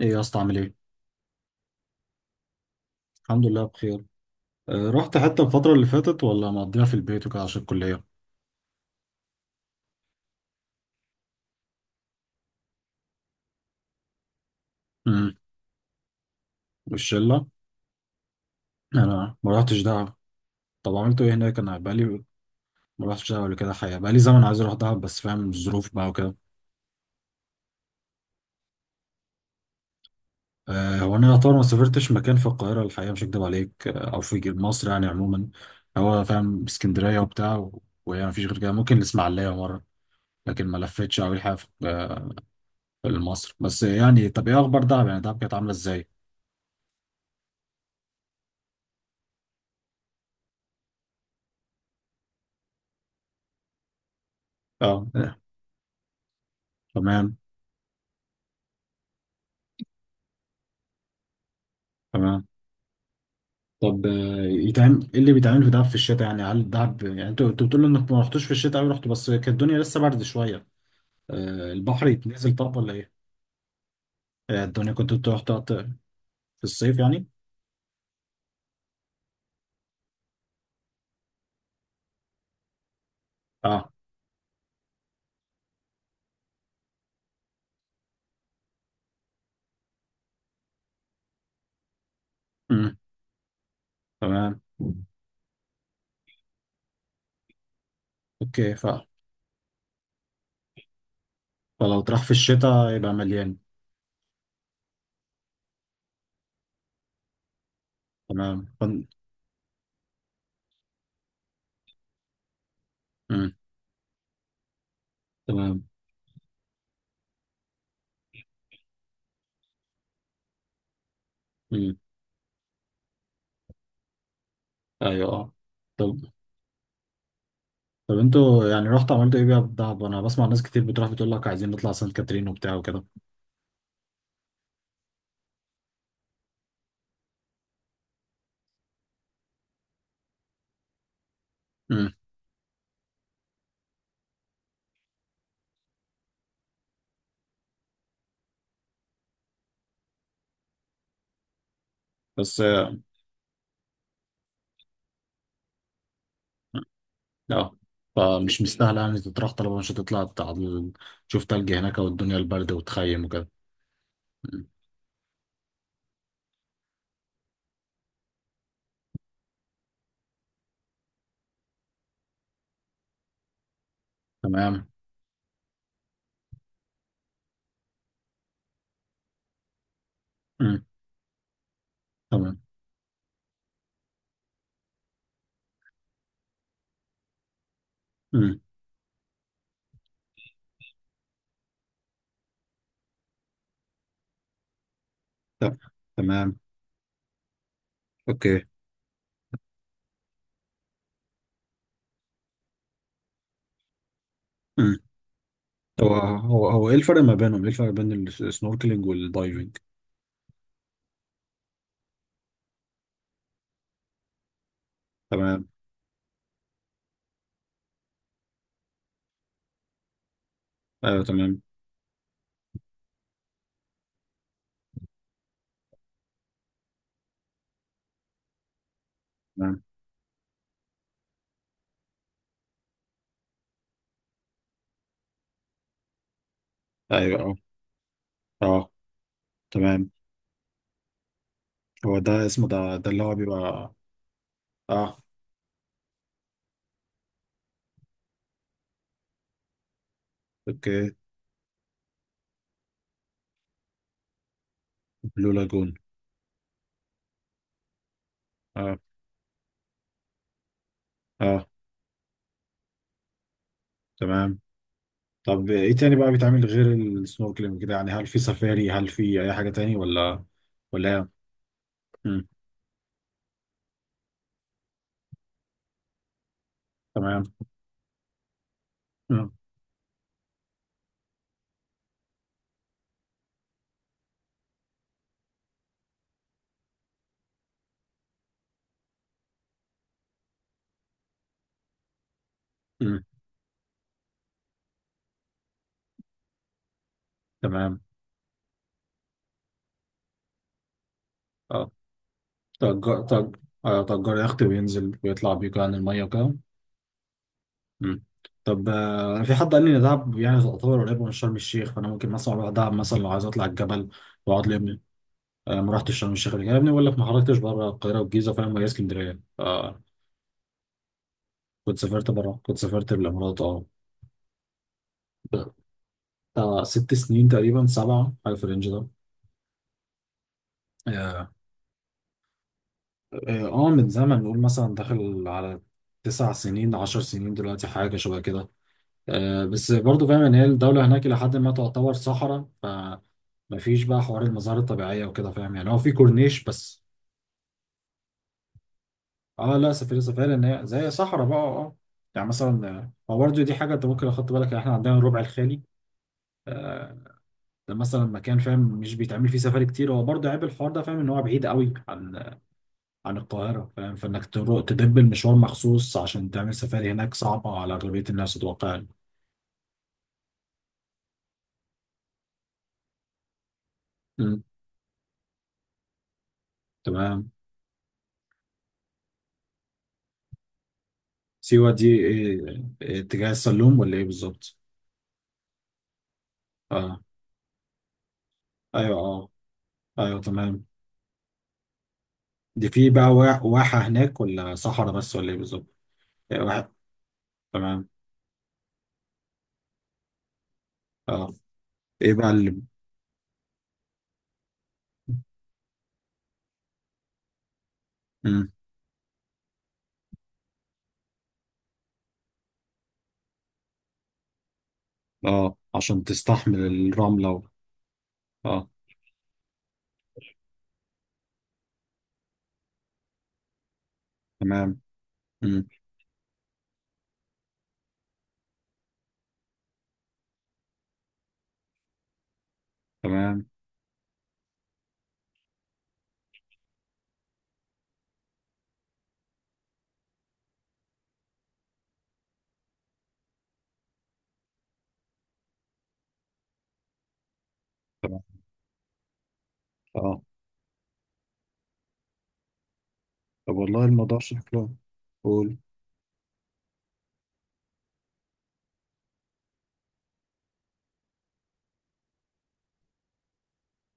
ايه يا اسطى، عامل ايه؟ الحمد لله بخير. رحت حتة الفترة اللي فاتت ولا مقضيها في البيت وكده عشان الكلية؟ امم. والشلة؟ انا ما رحتش دهب. طب عملت ايه هناك؟ انا بقالي ما رحتش دهب قبل كده، حقيقة بقالي زمن عايز اروح دهب بس فاهم الظروف بقى وكده. هو انا يعتبر ما سافرتش مكان في القاهرة الحقيقة، مش هكدب عليك، او في مصر يعني عموما. هو فاهم اسكندرية وبتاع وهي مفيش غير كده، ممكن الاسماعيلية مرة. لكن ما لفتش أوي الحقيقة في مصر بس يعني. طب ايه اخبار دهب؟ يعني دهب كانت عاملة ازاي؟ اه تمام. تمام. طب يتعمل ايه اللي بيتعمل في دهب في الشتاء؟ يعني هل دهب، يعني انتوا بتقولوا انك ما رحتوش في الشتاء قوي، رحتوا بس كانت الدنيا لسه برد شويه. البحر يتنزل طب ولا ايه؟ الدنيا كنت انتوا رحتوا في الصيف يعني؟ اه. امم. تمام. اوكي فلو تروح في الشتاء يبقى مليان. تمام مم. تمام. مم. ايوه اه. طب طب انتوا يعني رحتوا عملتوا ايه بقى في دهب؟ انا بسمع ناس كتير بتروح بتقول لك عايزين نطلع سانت كاترين وبتاع وكده. مم. بس اه، فمش مستاهله يعني تطرح، طالما مش هتطلع تشوف تلج هناك والدنيا البرد وتخيم وكده. مم. تمام. مم. تمام. مم. طب. تمام. اوكي. مم. هو ايه الفرق ما بينهم ايه الفرق بين السنوركلينج والدايفنج؟ تمام. ايوه تمام. تمام. ايوه اه اه. تمام. هو ده اسمه ده اللي هو بيبقى. اه. اوكي. بلو لاجون. اه. اه. تمام. طب ايه تاني بقى بيتعمل غير السنوركلينج كده؟ يعني هل في سفاري؟ هل في اي حاجة تاني ولا؟ ولا. امم. تمام. امم. امم. تمام. اه. تأجر تأجر يخت وينزل ويطلع بيك عن المية وكده. امم. طب انا في حد قال لي ان دهب يعني تعتبر قريبة من شرم الشيخ، فانا ممكن مثلا اروح دهب مثلا لو عايز اطلع الجبل واقعد لي ابني. ما رحتش شرم الشيخ قبل كده يا ابني، بقول لك ما خرجتش بره القاهرة والجيزة، فاهم، وهي اسكندرية كنت سافرت بره، كنت سافرت الامارات اه. بتاع 6 سنين تقريبا، 7، حاجة في الرينج ده. يا اه آه، من زمن، نقول مثلا داخل على 9 سنين 10 سنين دلوقتي، حاجة شبه كده. بس برضو فاهم ان هي الدولة هناك إلى حد ما تعتبر صحراء، فمفيش بقى حوار المظاهر الطبيعية وكده، فاهم يعني، هو في كورنيش بس. اه لا، سفاري سفاري ان هي زي صحراء بقى اه يعني مثلا هو برضو دي حاجة انت ممكن اخدت بالك، يعني احنا عندنا الربع الخالي. آه، ده مثلا مكان، فاهم، مش بيتعمل فيه سفاري كتير، هو برضو عيب الحوار ده، فاهم، ان هو بعيد قوي عن القاهرة، فاهم، فإنك تروح تدب المشوار مخصوص عشان تعمل سفاري هناك صعبة على أغلبية الناس أتوقع. مم. تمام. سيوة دي إيه؟ إيه، اتجاه السلوم ولا إيه بالظبط؟ آه أيوه. أه. أيوه تمام. دي في بقى واحة هناك ولا صحراء بس ولا إيه بالظبط؟ إيه، واحة. تمام. أه. إيه بقى اللي. مم. أه عشان تستحمل الرملة و... أه. تمام. مم. تمام. تمام. أه. طب والله الموضوع شكله. قول.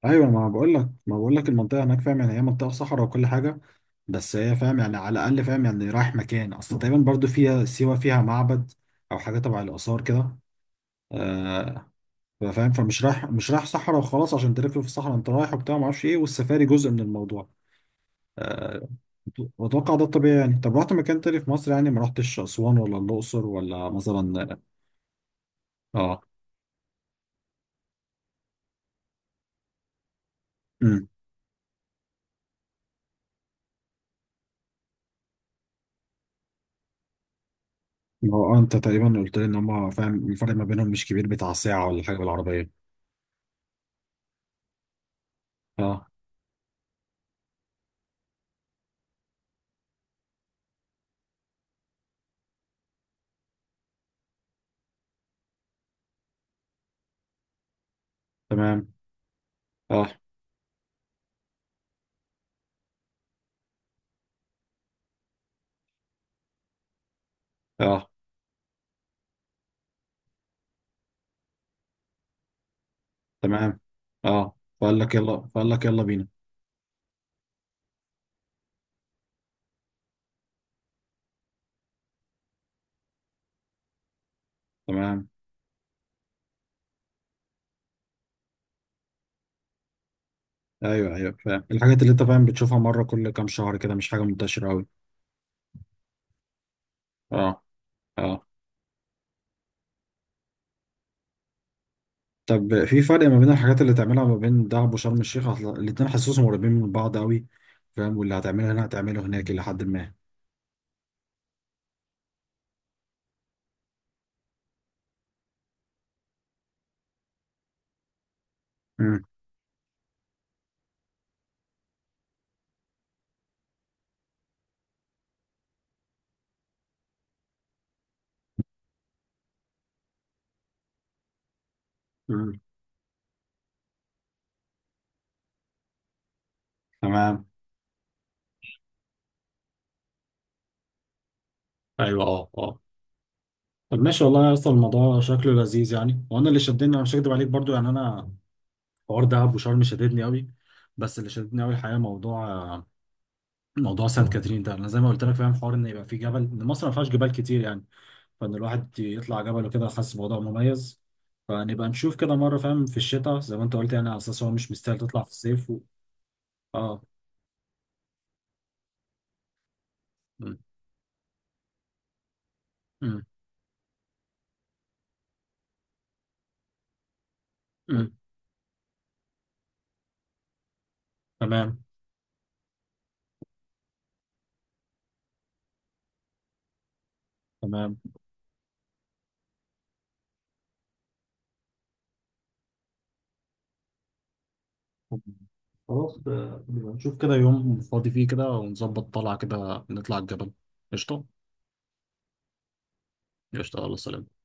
ايوه، ما بقول لك ما بقول لك المنطقه هناك، فاهم يعني، هي منطقه صحراء وكل حاجه. بس هي، فاهم يعني، على الاقل، فاهم يعني، رايح مكان اصل تقريبا، برضو فيها سيوه، فيها معبد او حاجه تبع الاثار كده. آه فاهم، فمش رايح مش رايح صحراء وخلاص عشان تلف في الصحراء انت رايح وبتاع، ما اعرفش ايه، والسفاري جزء من الموضوع. آه. واتوقع ده الطبيعي يعني. طب رحت مكان تاني في مصر؟ يعني ما رحتش اسوان ولا الاقصر ولا مثلا. اه. امم. ما هو انت تقريبا قلت لي ان هم، فاهم، الفرق ما بينهم مش كبير، بتاع ساعه ولا حاجه بالعربيه. اه تمام. اه اه تمام. اه، فقال لك يلا بينا. تمام. ايوه ايوه، فاهم الحاجات اللي، انت فاهم، بتشوفها مره كل كام شهر كده، مش حاجه منتشره قوي. اه. اه. طب في فرق ما بين الحاجات اللي تعملها ما بين دهب وشرم الشيخ؟ اصل الاتنين حاسسهم قريبين من بعض قوي، فاهم، واللي هتعمله هنا هتعمله هناك الى حد ما. امم. امم. تمام. ايوه اه اه. طب ماشي والله يا اسطى، الموضوع شكله لذيذ يعني. وانا اللي شدني، انا مش هكدب عليك برضو، يعني انا، حوار دهب وشرم شددني قوي، بس اللي شددني قوي الحقيقه موضوع سانت كاترين ده. انا زي ما قلت لك، فاهم، حوار ان يبقى في جبل، ان مصر ما فيهاش جبال كتير يعني، فان الواحد يطلع جبل وكده حاسس الموضوع مميز. فنبقى نشوف كده مره، فاهم، في الشتاء زي ما انت قلت، يعني على اساس هو مش مستاهل تطلع في الصيف و... اه. م- م- م. تمام. تمام. خلاص، نبقى نشوف كده يوم فاضي فيه كده ونظبط طلعه كده، نطلع الجبل. قشطه. قشطه الله سلام.